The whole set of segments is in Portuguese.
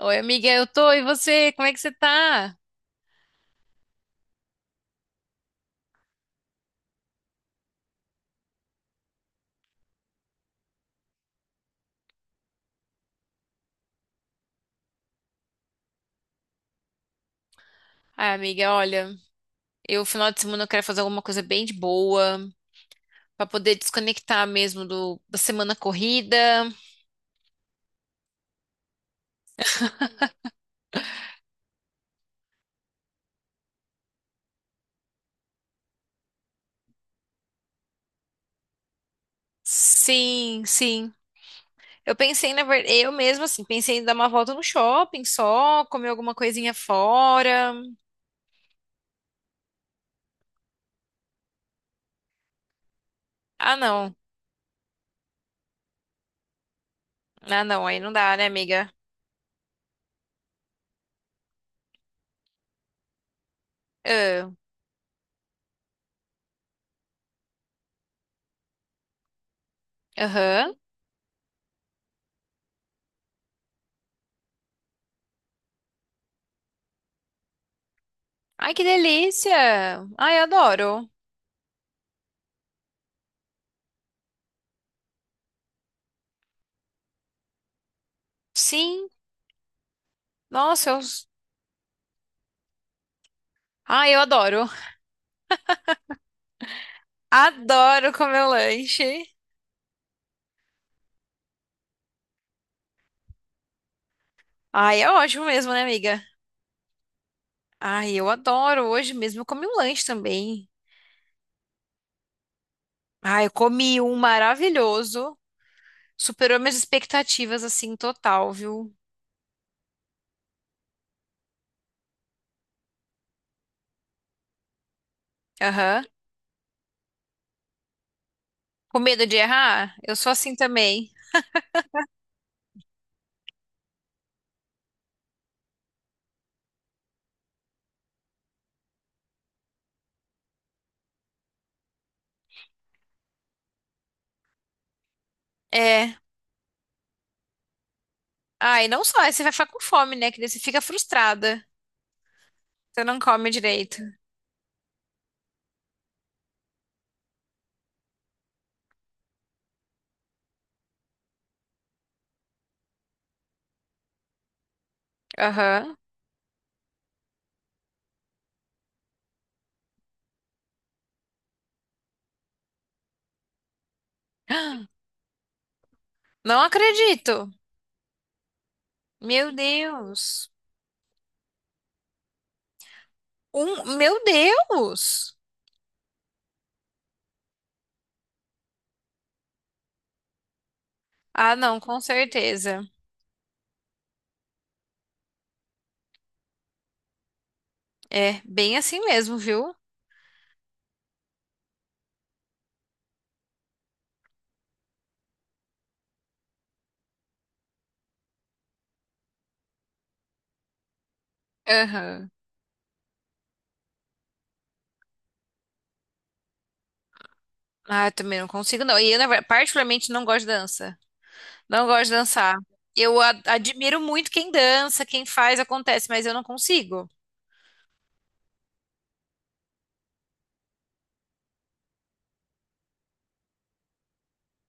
Oi, amiga, eu tô. E você? Como é que você tá? Ah, amiga, olha, eu final de semana eu quero fazer alguma coisa bem de boa, pra poder desconectar mesmo da semana corrida. Sim, sim. Eu pensei, na verdade, eu mesma, assim, pensei em dar uma volta no shopping só, comer alguma coisinha fora. Ah, não. Ah, não, aí não dá, né, amiga? Ah, aham. Ai, que delícia! Ai, eu adoro. Sim, nossa, eu. Ai, eu adoro. Adoro comer lanche. Ai, é ótimo mesmo, né, amiga? Ai, eu adoro. Hoje mesmo eu comi um lanche também. Ai, eu comi um maravilhoso. Superou minhas expectativas, assim, total, viu? Aham. Com medo de errar? Eu sou assim também. É. Ai, não só, aí você vai ficar com fome, né? Que daí você fica frustrada. Você não come direito. Aham. Não acredito. Meu Deus. Um, meu Deus! Ah, não, com certeza. É, bem assim mesmo, viu? Aham. Ah, eu também não consigo, não. E eu, na verdade, particularmente, não gosto de dança. Não gosto de dançar. Admiro muito quem dança, quem faz, acontece, mas eu não consigo.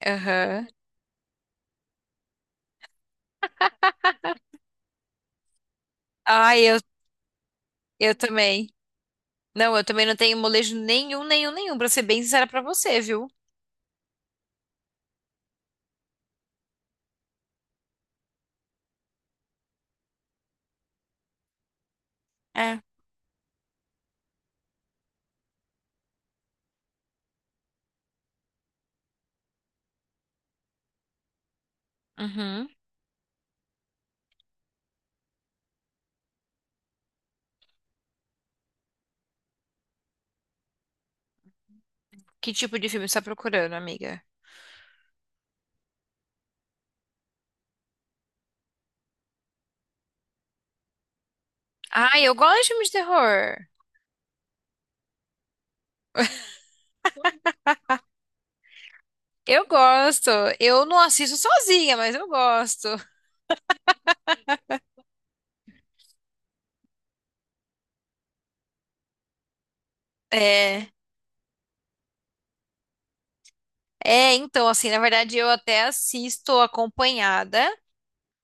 Aham. Ah, eu, eu também. Não, eu também não tenho molejo nenhum, nenhum, nenhum, pra ser bem sincera pra você, viu? É. Uhum. Que tipo de filme você tá procurando, amiga? Ah, eu gosto de filme de terror. Eu gosto. Eu não assisto sozinha, mas eu gosto. É. É, então, assim, na verdade, eu até assisto acompanhada.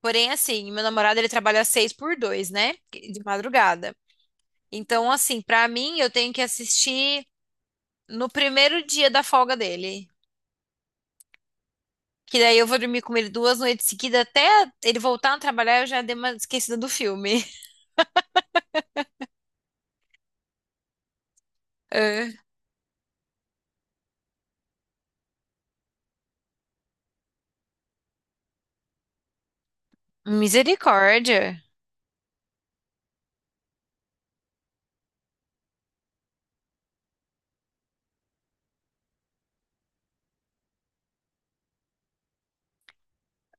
Porém, assim, meu namorado ele trabalha seis por dois, né? De madrugada. Então, assim, pra mim, eu tenho que assistir no primeiro dia da folga dele. Que daí eu vou dormir com ele duas noites seguidas até ele voltar a trabalhar, eu já dei uma esquecida do filme. É. Misericórdia.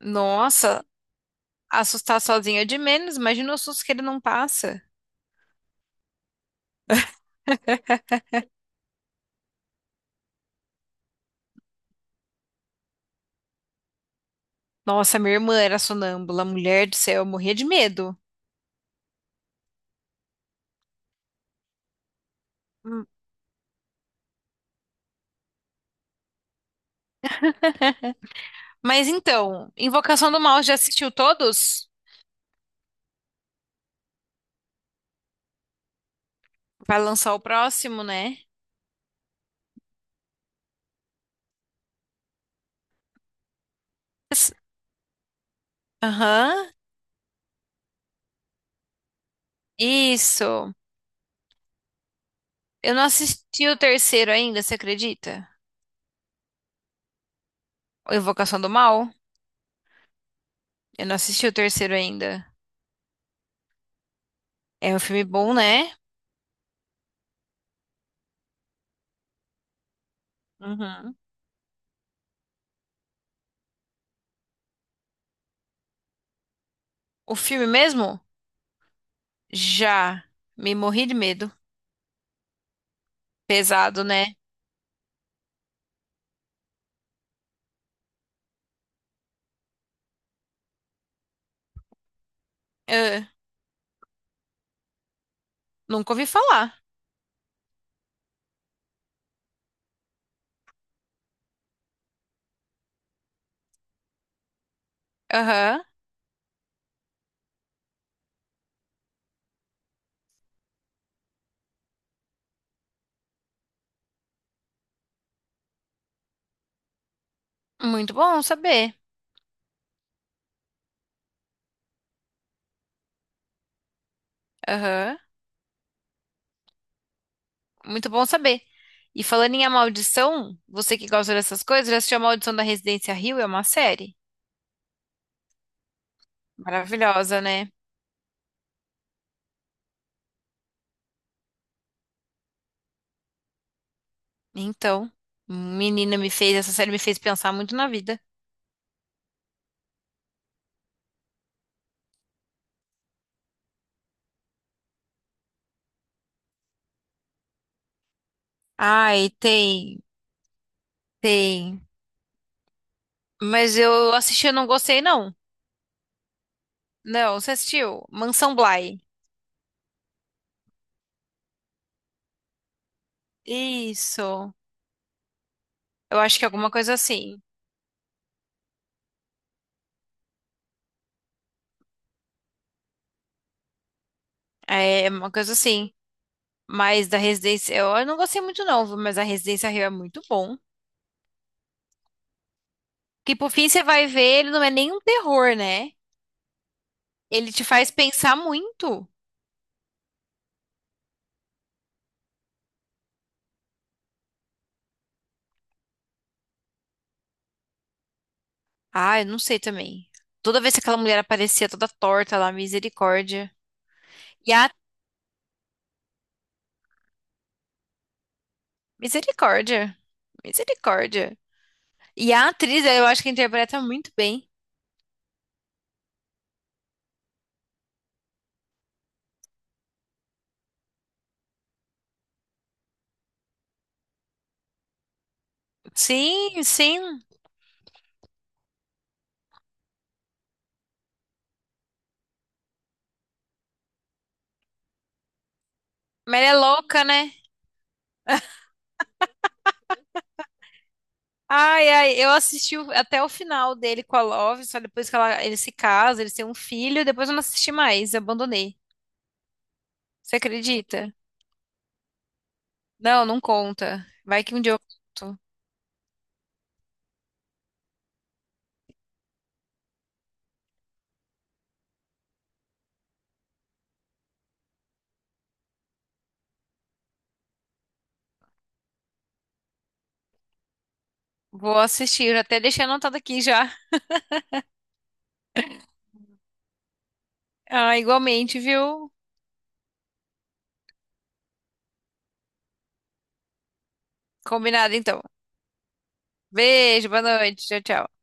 Nossa, assustar sozinha é de menos. Imagina o susto que ele não passa. Nossa, minha irmã era sonâmbula, mulher do céu, eu morria de medo. Hum. Mas então, Invocação do Mal já assistiu todos? Vai lançar o próximo, né? S- aham, isso. Eu não assisti o terceiro ainda, você acredita? O Invocação do Mal? Eu não assisti o terceiro ainda. É um filme bom, né? Uhum. O filme mesmo? Já. Me morri de medo. Pesado, né? Ah, nunca ouvi falar. Aham. Muito bom saber. Aham. Muito bom saber. E falando em A Maldição, você que gosta dessas coisas, já assistiu A Maldição da Residência Hill? É uma série maravilhosa, né? Então, menina me fez, essa série me fez pensar muito na vida. Ai, tem, tem. Mas eu assisti e não gostei, não. Não, você assistiu? Mansão Bly. Isso. Eu acho que é alguma coisa assim. É é uma coisa assim. Mas da Residência, eu não gostei muito, não, viu? Mas a Residência Hill é muito bom. Que por fim você vai ver, ele não é nem um terror, né? Ele te faz pensar muito. Ah, eu não sei também. Toda vez que aquela mulher aparecia toda torta lá, misericórdia. E a Misericórdia. Misericórdia. E a atriz, eu acho que interpreta muito bem. Sim, sim. Mas ela é louca, né? Ai, ai, eu assisti o- até o final dele com a Love, só depois que ela, eles se casam, eles têm um filho, depois eu não assisti mais, abandonei. Você acredita? Não, não conta. Vai que um dia eu conto. Vou assistir, eu até deixei anotado aqui já. Ah, igualmente, viu? Combinado então. Beijo, boa noite, tchau, tchau.